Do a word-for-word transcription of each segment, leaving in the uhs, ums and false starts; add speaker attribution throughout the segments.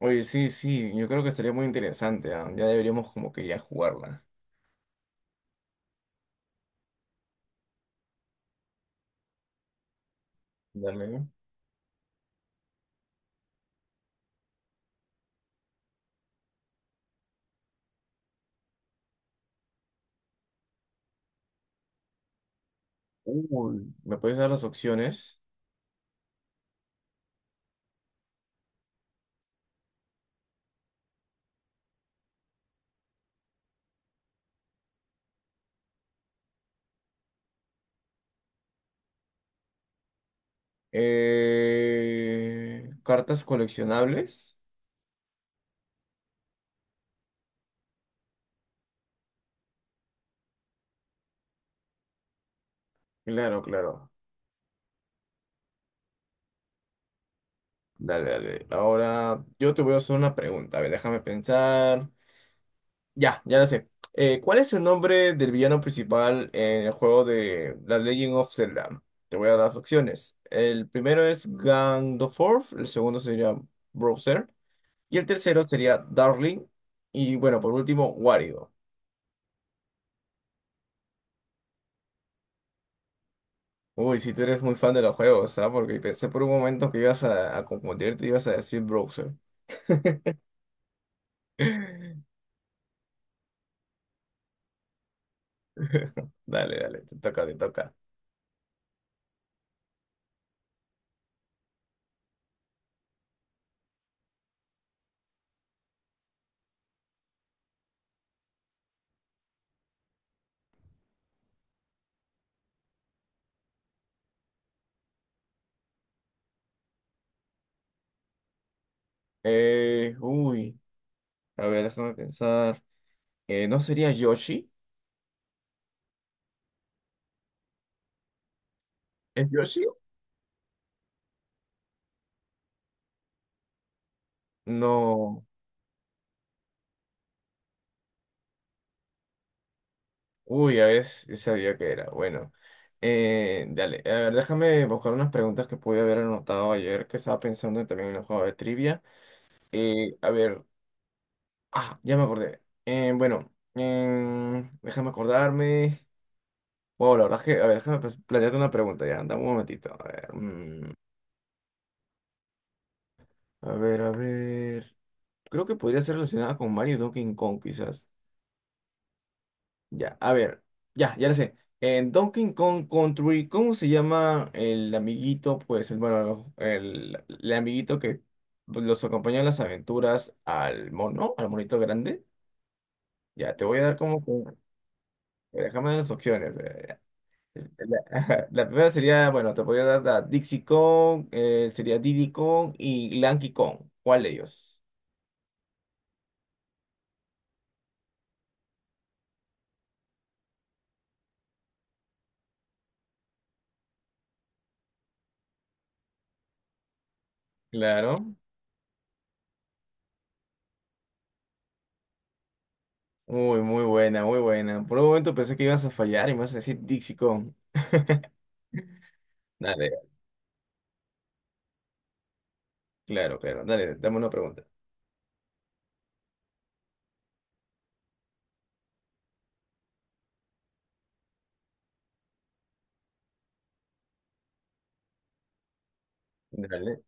Speaker 1: Oye, sí, sí, yo creo que sería muy interesante, ah, Ya deberíamos como que ya jugarla. Dale. Uy, ¿me puedes dar las opciones? Eh, cartas coleccionables. Claro, claro. Dale, dale. Ahora yo te voy a hacer una pregunta. A ver, déjame pensar. Ya, ya la sé. Eh, ¿cuál es el nombre del villano principal en el juego de The Legend of Zelda? Te voy a dar las opciones. El primero es Ganondorf, el segundo sería Browser. Y el tercero sería Darling. Y bueno, por último, Wario. Uy, si tú eres muy fan de los juegos, ¿ah? Porque pensé por un momento que ibas a, a confundirte y ibas a decir browser. Dale, dale, te toca, te toca. Eh, uy, a ver, déjame pensar. Eh, ¿no sería Yoshi? ¿Es Yoshi? No. Uy, a ver, sí sabía que era. Bueno, eh, dale, a ver, déjame buscar unas preguntas que pude haber anotado ayer que estaba pensando también en el juego de trivia. Eh, a ver. Ah, ya me acordé. Eh, bueno, em, déjame acordarme. Wow, la verdad es que, a ver, déjame pues, plantearte una pregunta ya, dame un momentito. A ver, mm, a ver, a ver. Creo que podría ser relacionada con Mario y Donkey Kong, quizás. Ya, a ver, ya, ya lo sé. En Donkey Kong Country, ¿cómo se llama el amiguito? Pues, el, bueno, el, el amiguito que pues, los acompaña en las aventuras al mono, al monito grande. Ya, te voy a dar como que- Déjame dar las opciones. Eh, La, ajá, la primera sería, bueno, te podría dar la Dixie Kong, eh, sería Diddy Kong y Lanky Kong. ¿Cuál de ellos? Claro. Muy, muy buena, muy buena. Por un momento pensé que ibas a fallar y me vas a decir Dixie Kong. Dale, claro, claro. Dale, dame una pregunta. Dale.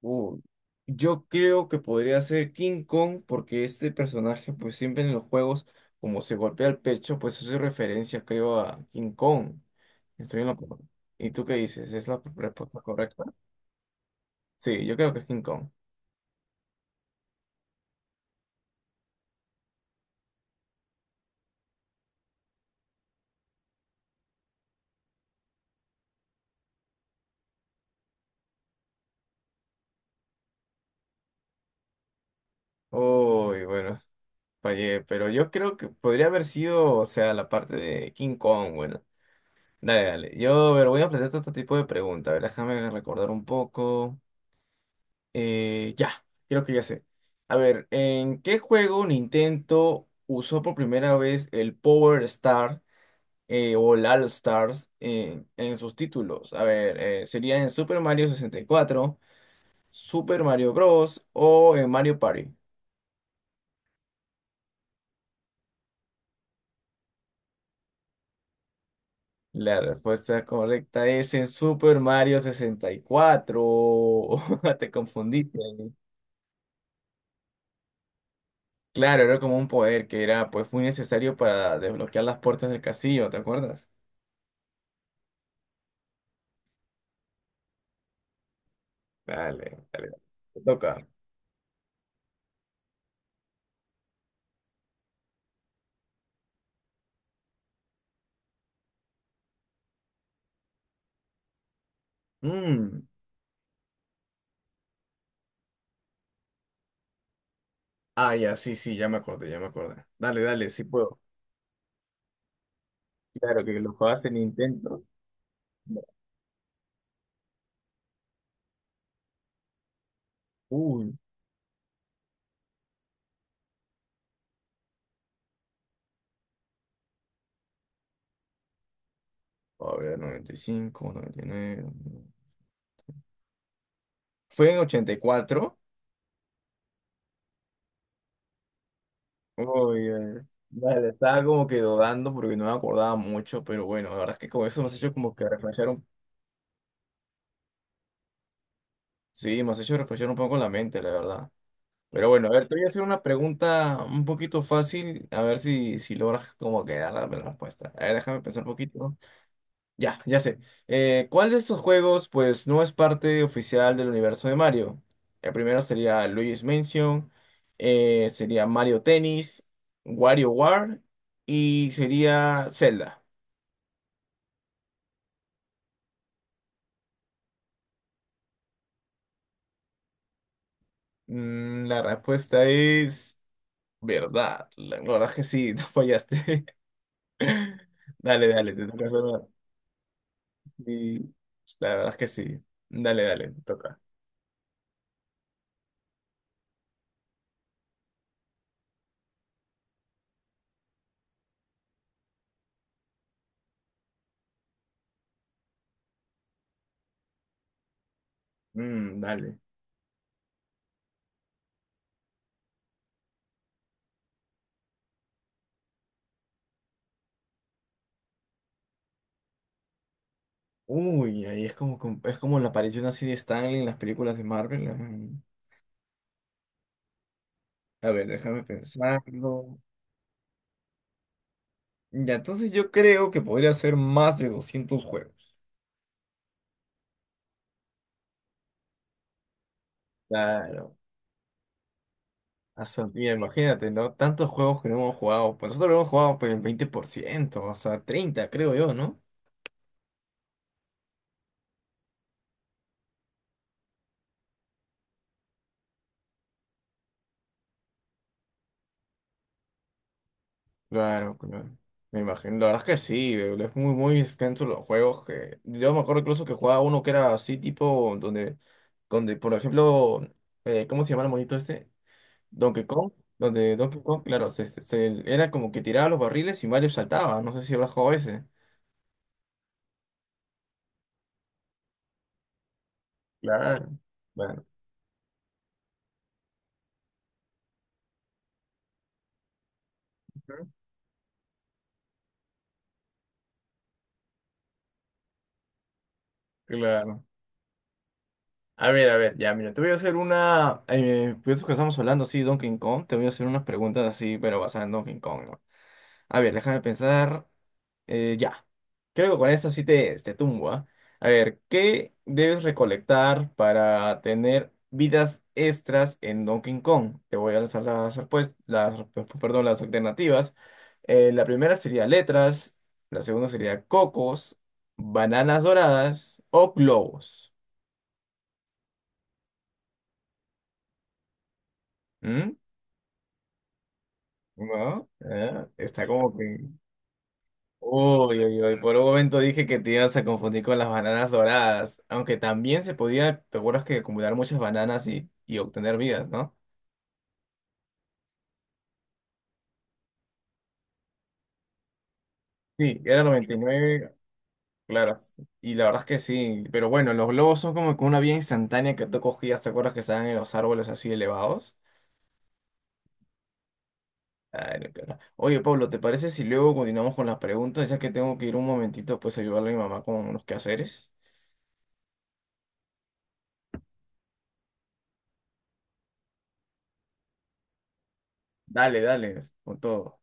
Speaker 1: Uh, yo creo que podría ser King Kong porque este personaje, pues siempre en los juegos, como se golpea el pecho, pues hace referencia, creo, a King Kong. Estoy en lo correcto. ¿Y tú qué dices? ¿Es la respuesta correcta? Sí, yo creo que es King Kong. Uy, bueno, fallé, pero yo creo que podría haber sido, o sea, la parte de King Kong, bueno. Dale, dale. Yo, a ver, voy a plantear otro tipo de preguntas. A ver, déjame recordar un poco. Eh, ya, creo que ya sé. A ver, ¿en qué juego Nintendo usó por primera vez el Power Star eh, o el All Stars eh, en sus títulos? A ver, eh, sería en Super Mario sesenta y cuatro, Super Mario Bros. O en Mario Party. La respuesta correcta es en Super Mario sesenta y cuatro. Te confundiste ahí. Claro, era como un poder que era pues muy necesario para desbloquear las puertas del castillo, ¿te acuerdas? Dale, te toca. Mm. Ah, ya, sí, sí, ya me acordé, ya me acordé. Dale, dale, sí puedo. Claro que lo jugabas en Nintendo. Uy, a ver, noventa y cinco, noventa y nueve. Fue en ochenta y cuatro. Uy, eh, vale, estaba como que dudando porque no me acordaba mucho, pero bueno, la verdad es que con eso me has hecho como que reflexionar un... Sí, me has hecho reflexionar un poco en la mente, la verdad. Pero bueno, a ver, te voy a hacer una pregunta un poquito fácil, a ver si, si logras como que dar la la respuesta. A ver, déjame pensar un poquito. Ya, ya sé. Eh, ¿cuál de estos juegos, pues, no es parte oficial del universo de Mario? El primero sería Luigi's Mansion, eh, sería Mario Tennis, WarioWare y sería Zelda. Mm, La respuesta es verdad. La la verdad es que sí, no fallaste. Dale, dale, te toca hacer una. Y la verdad es que sí. Dale, dale, te toca. Mm, dale. Uy, ahí es como, como- es como la aparición así de Stanley en las películas de Marvel. Mm. A ver, déjame pensarlo. Ya, entonces yo creo que podría ser más de doscientos juegos. Claro. Hasta- Mira, imagínate, ¿no? Tantos juegos que no hemos jugado. Pues nosotros hemos jugado por el veinte por ciento, o sea, treinta creo yo, no. Claro, claro. Me imagino. La verdad es que sí, eh, es muy, muy extenso los juegos que. Yo me acuerdo incluso que jugaba uno que era así, tipo, donde, donde, por ejemplo, eh, ¿cómo se llama el monito este? Donkey Kong, donde Donkey Kong, claro, se, se- se- era como que tiraba los barriles y Mario saltaba. No sé si habrás jugado ese. Claro, bueno. Ujú. Claro. A ver, a ver, ya, mira, te voy a hacer una. Eh, pues eso que estamos hablando sí Donkey Kong, te voy a hacer unas preguntas así, pero basadas en Donkey Kong, ¿no? A ver, déjame pensar. Eh, ya, creo que con esto sí te, te tumbo, ¿ah? A ver, ¿qué debes recolectar para tener vidas extras en Donkey Kong? Te voy a lanzar las respuestas, las, perdón, las alternativas. Eh, la primera sería letras, la segunda sería cocos, bananas doradas o globos. ¿Mm? ¿No? ¿Eh? Está como que... Uy, uy, uy, por un momento dije que te ibas a confundir con las bananas doradas, aunque también se podía, te acuerdas que acumular muchas bananas y, y obtener vidas, ¿no? Sí, era noventa y nueve, claro, y la verdad es que sí, pero bueno, los globos son como que una vía instantánea que tú cogías, ¿te acuerdas que estaban en los árboles así elevados? Claro, claro. Oye, Pablo, ¿te parece si luego continuamos con las preguntas, ya que tengo que ir un momentito pues a ayudarle a mi mamá con unos quehaceres? Dale, dale, con todo.